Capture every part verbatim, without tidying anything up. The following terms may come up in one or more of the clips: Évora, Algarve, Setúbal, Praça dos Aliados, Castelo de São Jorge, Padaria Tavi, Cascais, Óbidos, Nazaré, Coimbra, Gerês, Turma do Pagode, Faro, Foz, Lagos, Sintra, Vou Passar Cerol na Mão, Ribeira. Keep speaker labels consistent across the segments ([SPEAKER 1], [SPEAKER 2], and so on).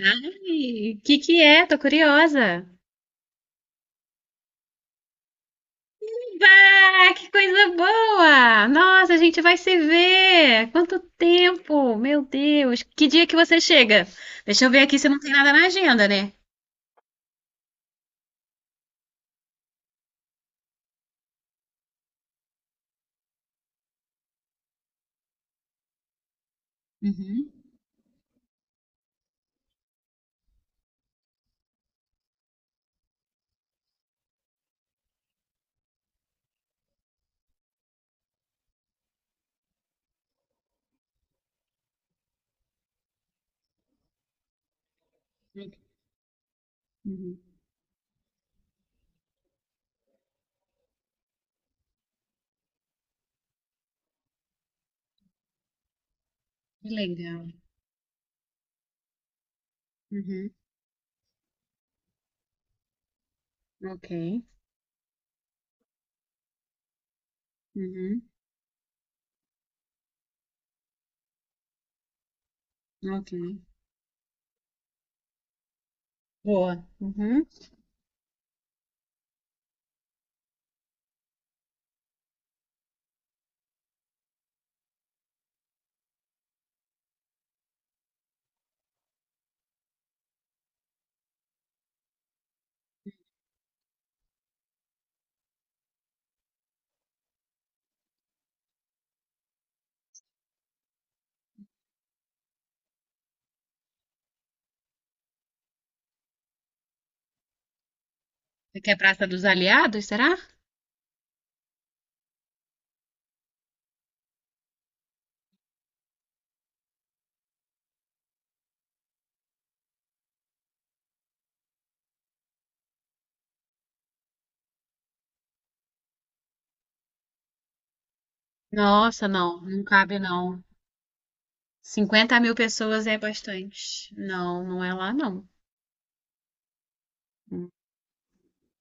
[SPEAKER 1] Ai, que que é? Tô curiosa. Bah, que coisa boa! Nossa, a gente vai se ver! Quanto tempo! Meu Deus! Que dia que você chega? Deixa eu ver aqui se não tem nada na agenda, né? Uhum. Uhum. Que legal. Uhum. Ok. Uhum. Ok. Boa. Uhum. Você quer Praça dos Aliados, será? Nossa, não, não cabe não. Cinquenta mil pessoas é bastante. Não, não é lá não.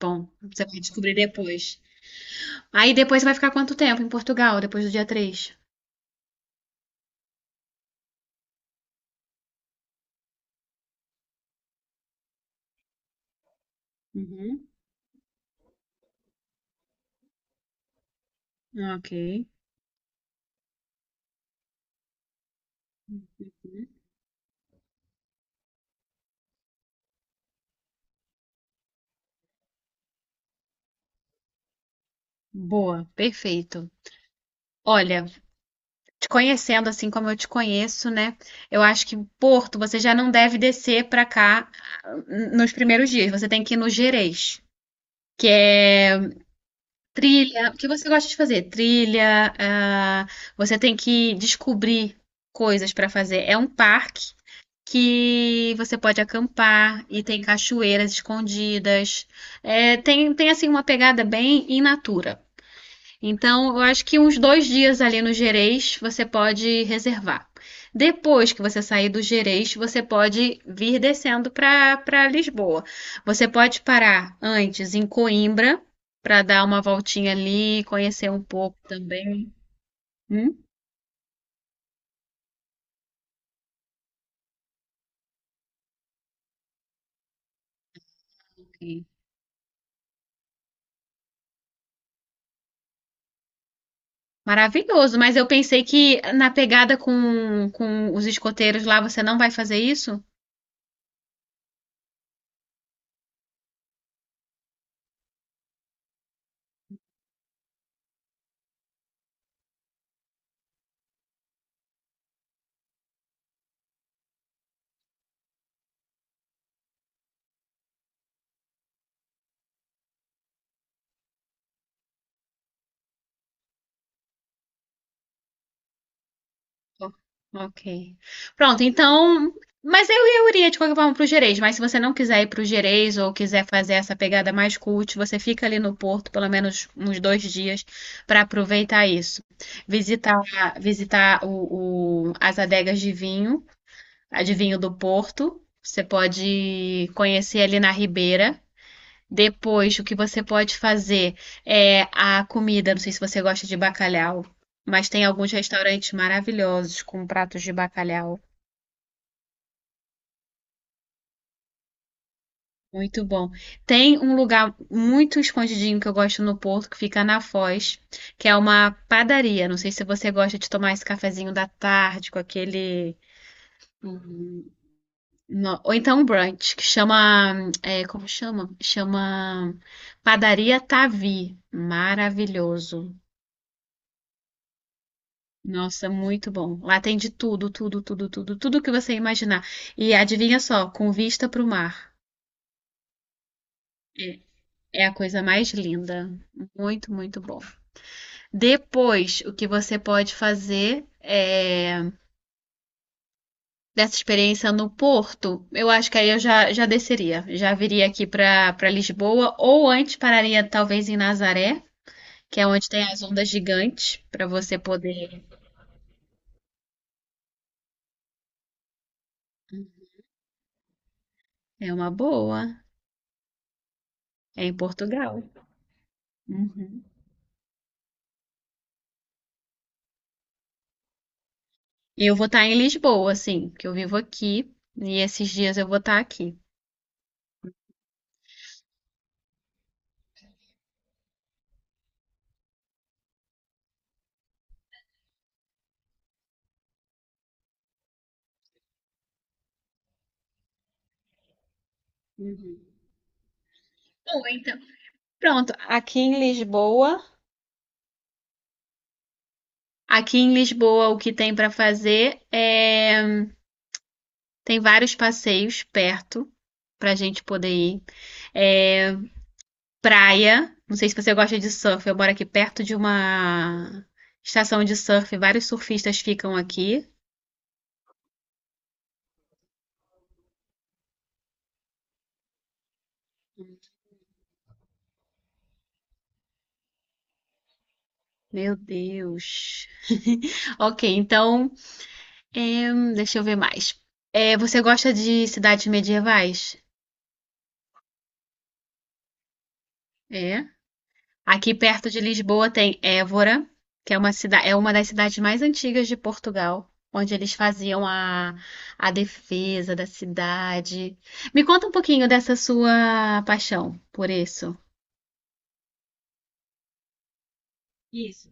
[SPEAKER 1] Bom, você vai descobrir depois. Aí depois você vai ficar quanto tempo em Portugal, depois do dia três? Uhum. Ok. Boa, perfeito. Olha, te conhecendo assim como eu te conheço, né? Eu acho que Porto você já não deve descer pra cá ah, nos primeiros dias. Você tem que ir no Gerês, que é trilha. O que você gosta de fazer? Trilha. Ah, você tem que descobrir coisas pra fazer. É um parque que você pode acampar e tem cachoeiras escondidas. É, tem, tem assim uma pegada bem in natura. Então, eu acho que uns dois dias ali no Gerês você pode reservar. Depois que você sair do Gerês, você pode vir descendo para para Lisboa. Você pode parar antes em Coimbra para dar uma voltinha ali, conhecer um pouco também. Hum? Maravilhoso, mas eu pensei que na pegada com, com os escoteiros lá você não vai fazer isso? Ó, ok. Pronto, então. Mas eu, eu iria de qualquer forma pro Gerês, mas se você não quiser ir pro Gerês ou quiser fazer essa pegada mais cult, você fica ali no Porto pelo menos uns dois dias para aproveitar isso. Visitar, visitar o, o- as adegas de vinho, a de vinho do Porto. Você pode conhecer ali na Ribeira. Depois, o que você pode fazer é a comida. Não sei se você gosta de bacalhau, mas tem alguns restaurantes maravilhosos com pratos de bacalhau. Muito bom. Tem um lugar muito escondidinho que eu gosto no Porto, que fica na Foz, que é uma padaria. Não sei se você gosta de tomar esse cafezinho da tarde com aquele. hum, no- Ou então um brunch, que chama. É, como chama? Chama Padaria Tavi. Maravilhoso. Nossa, muito bom. Lá tem de tudo, tudo, tudo, tudo, tudo que você imaginar. E adivinha só, com vista para o mar. É a coisa mais linda. Muito, muito bom. Depois, o que você pode fazer é, dessa experiência no Porto, eu acho que aí eu já, já desceria. Já viria aqui para para Lisboa, ou antes pararia talvez em Nazaré, que é onde tem as ondas gigantes, para você poder. É uma boa. É em Portugal. Uhum. E eu vou estar em Lisboa, assim, que eu vivo aqui e esses dias eu vou estar aqui. Uhum. Bom, então, pronto, aqui em Lisboa, aqui em Lisboa o que tem para fazer é tem vários passeios perto pra gente poder ir. É, praia, não sei se você gosta de surf, eu moro aqui perto de uma estação de surf, vários surfistas ficam aqui. Meu Deus. Ok, então é, hum, deixa eu ver mais. É, você gosta de cidades medievais? É. Aqui perto de Lisboa tem Évora, que é uma cida- é uma das cidades mais antigas de Portugal, onde eles faziam a, a defesa da cidade. Me conta um pouquinho dessa sua paixão por isso. Isso.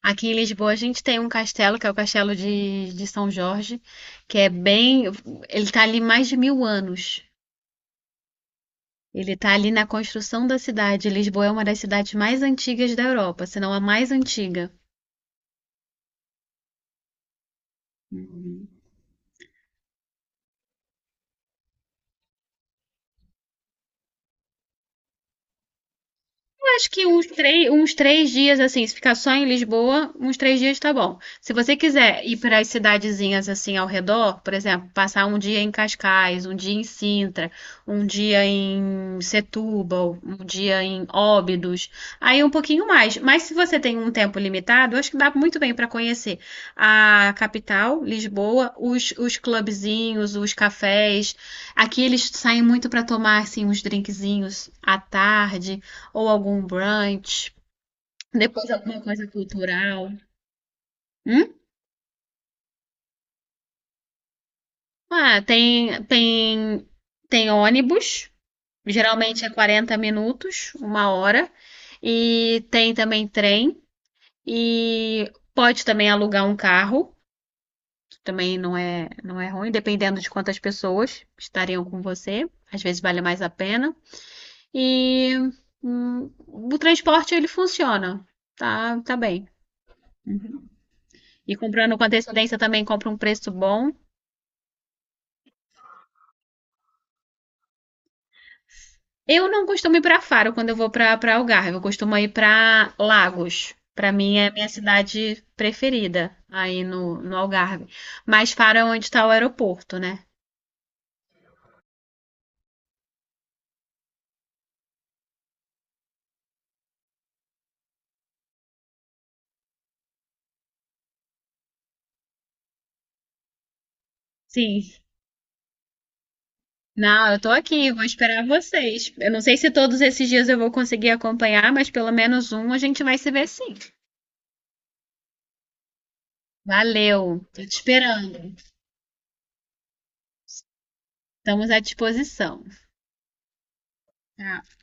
[SPEAKER 1] Aqui em Lisboa a gente tem um castelo, que é o Castelo de, de São Jorge, que é bem. Ele está ali mais de mil anos. Ele está ali na construção da cidade. Lisboa é uma das cidades mais antigas da Europa, se não a mais antiga. Acho que uns três, uns três dias, assim, se ficar só em Lisboa, uns três dias tá bom. Se você quiser ir para as cidadezinhas, assim, ao redor, por exemplo, passar um dia em Cascais, um dia em Sintra, um dia em Setúbal, um dia em Óbidos, aí um pouquinho mais. Mas se você tem um tempo limitado, eu acho que dá muito bem para conhecer a capital, Lisboa, os, os clubezinhos, os cafés. Aqui eles saem muito para tomar, assim, uns drinkzinhos à tarde ou algum brunch, depois alguma coisa cultural. Hum? Ah, tem, tem, tem ônibus, geralmente é quarenta minutos, uma hora, e tem também trem, e pode também alugar um carro, que também não é, não é ruim, dependendo de quantas pessoas estariam com você, às vezes vale mais a pena. E hum, o transporte ele funciona, tá, tá bem. E comprando com antecedência também compra um preço bom. Eu não costumo ir para Faro quando eu vou para para Algarve, eu costumo ir para Lagos. Para mim é a minha cidade preferida aí no, no Algarve. Mas Faro é onde está o aeroporto, né? Sim. Não, eu tô aqui, vou esperar vocês. Eu não sei se todos esses dias eu vou conseguir acompanhar, mas pelo menos um a gente vai se ver sim. Valeu, tô te esperando. Estamos à disposição. Tá.